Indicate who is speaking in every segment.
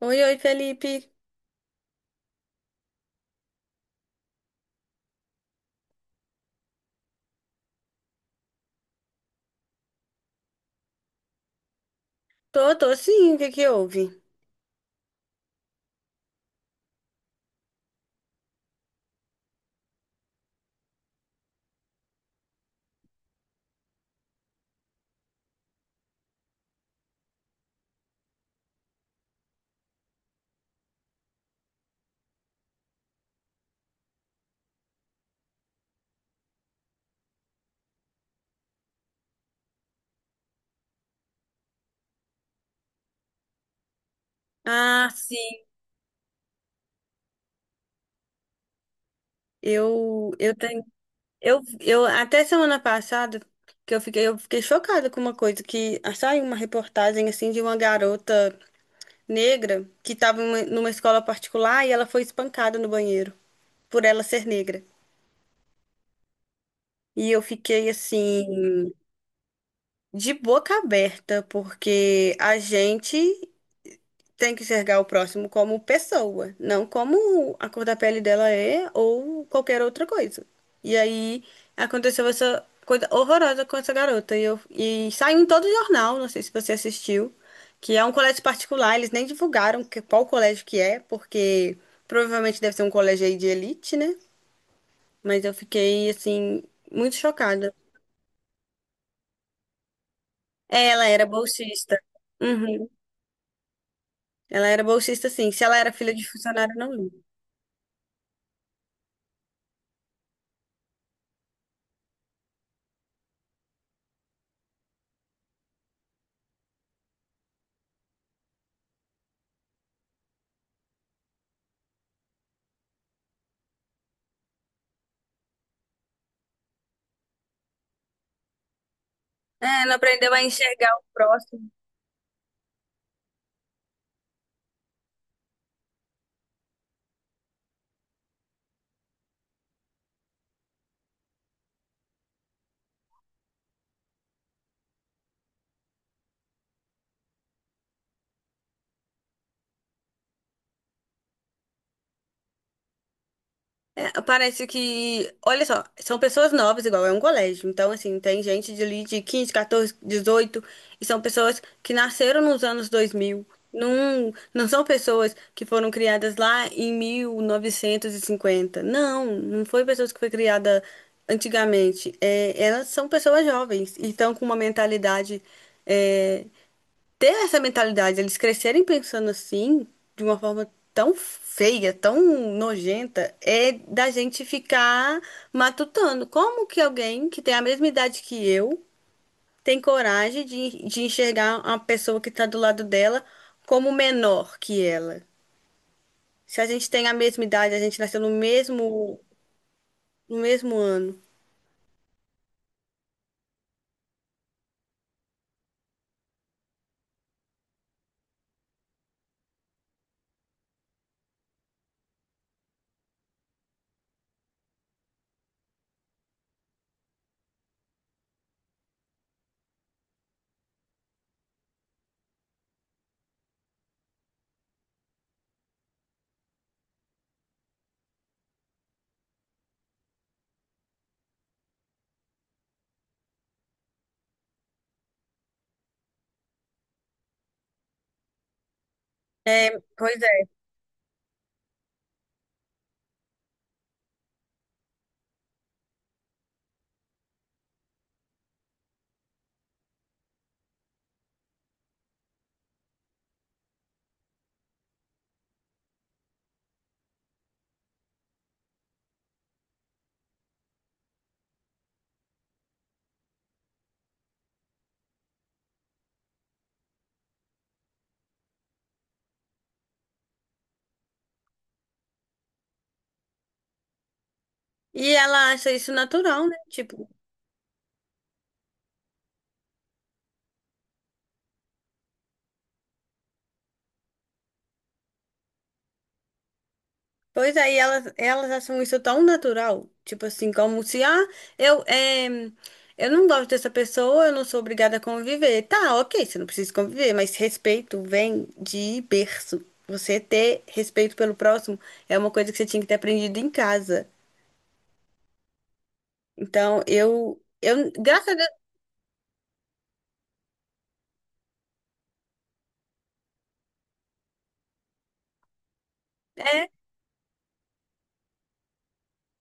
Speaker 1: Oi, oi, Felipe. Tô, tô sim, o que que houve? Ah, sim. Eu tenho, eu até semana passada que eu fiquei chocada com uma coisa que saiu uma reportagem assim de uma garota negra que estava numa escola particular e ela foi espancada no banheiro por ela ser negra. E eu fiquei assim de boca aberta, porque a gente tem que enxergar o próximo como pessoa, não como a cor da pele dela é ou qualquer outra coisa. E aí aconteceu essa coisa horrorosa com essa garota. E saiu em todo o jornal, não sei se você assistiu, que é um colégio particular. Eles nem divulgaram qual colégio que é, porque provavelmente deve ser um colégio aí de elite, né? Mas eu fiquei, assim, muito chocada. É, ela era bolsista. Uhum. Ela era bolsista, sim. Se ela era filha de funcionário, não lembro. É, não aprendeu a enxergar o próximo. É, parece que, olha só, são pessoas novas, igual é um colégio. Então, assim, tem gente de ali de 15 14, 18, e são pessoas que nasceram nos anos 2000. Não, não são pessoas que foram criadas lá em 1950. Não, não foi pessoas que foi criada antigamente. É, elas são pessoas jovens e estão com uma mentalidade, é, ter essa mentalidade, eles crescerem pensando assim, de uma forma tão feia, tão nojenta, é da gente ficar matutando. Como que alguém que tem a mesma idade que eu tem coragem de enxergar uma pessoa que está do lado dela como menor que ela? Se a gente tem a mesma idade, a gente nasceu no mesmo ano. É, pois é. E ela acha isso natural, né? Tipo... Pois aí elas acham isso tão natural, tipo assim, como se, eu, é, eu não gosto dessa pessoa, eu não sou obrigada a conviver. Tá, ok, você não precisa conviver, mas respeito vem de berço. Você ter respeito pelo próximo é uma coisa que você tinha que ter aprendido em casa. Então, graças a Deus, é,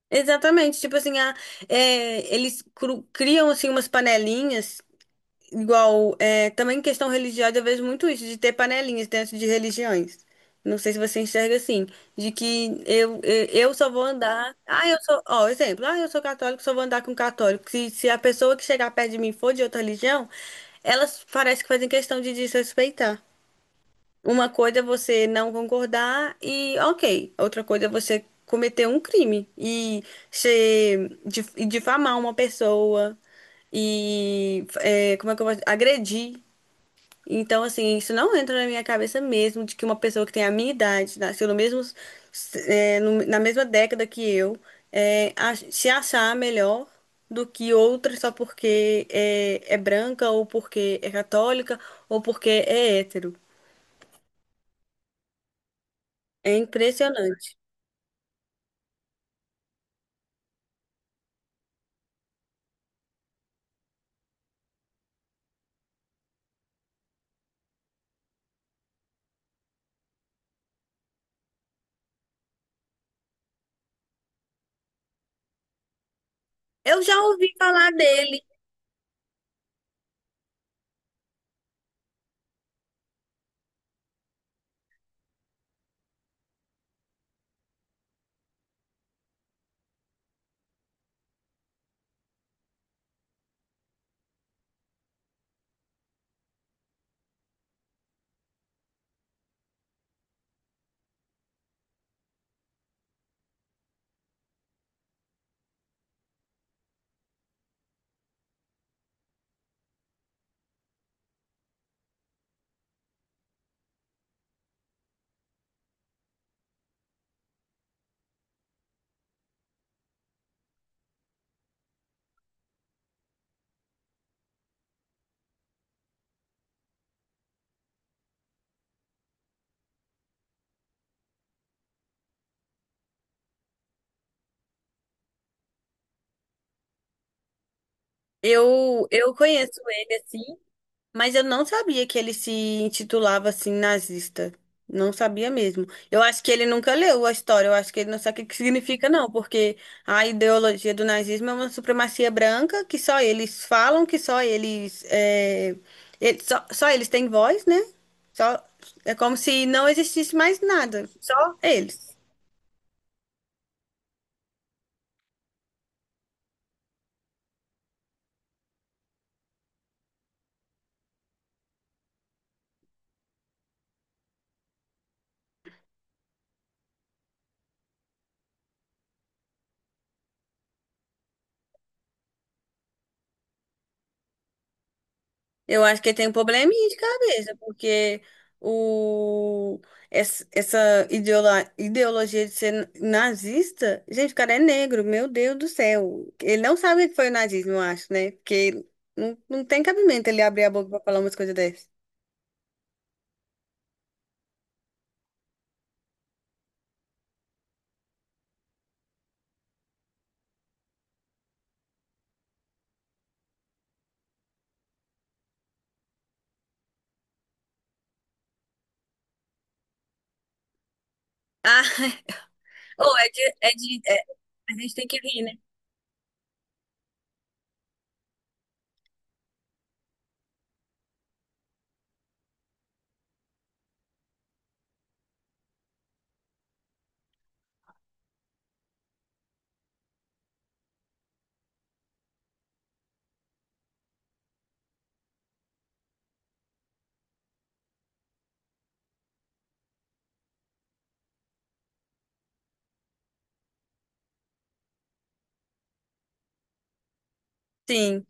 Speaker 1: exatamente. Tipo assim, eles criam, assim, umas panelinhas. Igual, também em questão religiosa, eu vejo muito isso, de ter panelinhas dentro de religiões. Não sei se você enxerga assim, de que eu só vou andar. Ah, eu sou. Ó, exemplo, ah, eu sou católico, só vou andar com católico. Se a pessoa que chegar perto de mim for de outra religião, elas parecem que fazem questão de desrespeitar. Uma coisa é você não concordar, e ok. Outra coisa é você cometer um crime e difamar uma pessoa. E como é que eu posso agredir. Então, assim, isso não entra na minha cabeça mesmo, de que uma pessoa que tem a minha idade, nasceu no mesmo, é, no- na mesma década que eu. Se achar melhor do que outra só porque é branca, ou porque é católica, ou porque é hétero. É impressionante. Eu já ouvi falar dele. Eu conheço ele assim, mas eu não sabia que ele se intitulava assim nazista. Não sabia mesmo. Eu acho que ele nunca leu a história. Eu acho que ele não sabe o que que significa, não, porque a ideologia do nazismo é uma supremacia branca, que só eles falam, que só eles, só eles têm voz, né? Só, é como se não existisse mais nada, só eles. Eu acho que ele tem um probleminha de cabeça, porque o, essa ideologia de ser nazista, gente, o cara é negro, meu Deus do céu. Ele não sabe o que foi o nazismo, eu acho, né? Porque não tem cabimento ele abrir a boca pra falar umas coisas dessas. Ah, Ou é de, é de, é- a gente tem que rir, né? Sim.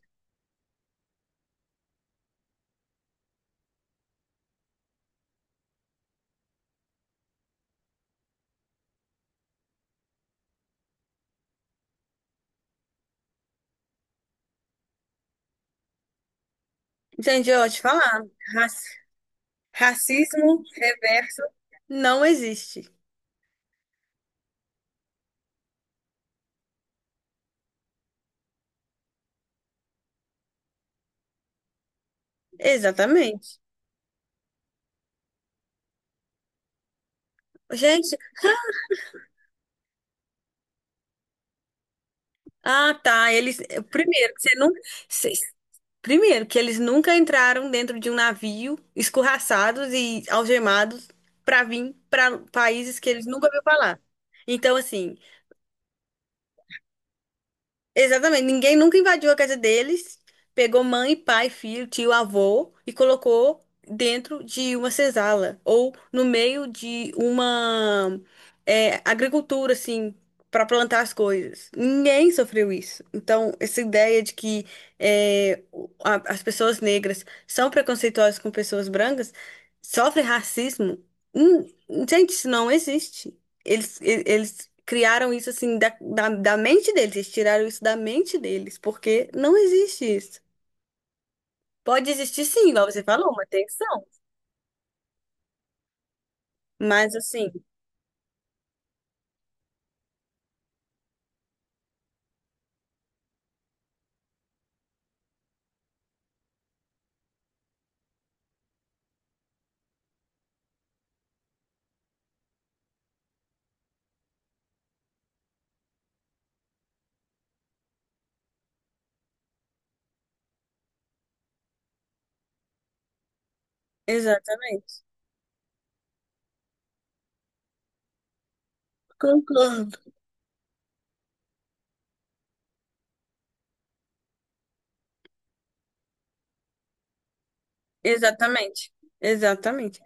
Speaker 1: Gente, eu vou te falar, raci- racismo reverso não existe. Exatamente. Gente, ah, tá. Eles, primeiro, que você nunca, cê- primeiro que eles nunca entraram dentro de um navio, escorraçados e algemados, para vir para países que eles nunca ouviram falar. Então, assim... Exatamente, ninguém nunca invadiu a casa deles, pegou mãe, pai, filho, tio, avô, e colocou dentro de uma senzala, ou no meio de uma, agricultura, assim, para plantar as coisas. Ninguém sofreu isso. Então, essa ideia de que as pessoas negras são preconceituosas com pessoas brancas, sofrem racismo, hum, gente, isso não existe. Eles criaram isso assim da mente deles, eles tiraram isso da mente deles, porque não existe isso. Pode existir sim, igual você falou, uma tensão. Mas assim, exatamente. Concordo. Exatamente. Exatamente.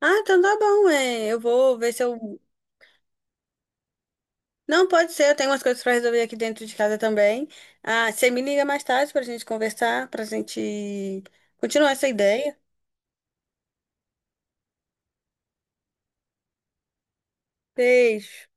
Speaker 1: Ah, então tá bom, eu vou ver se eu... Não, pode ser, eu tenho umas coisas pra resolver aqui dentro de casa também. Ah, você me liga mais tarde pra gente conversar, pra gente continuar essa ideia. Beijo.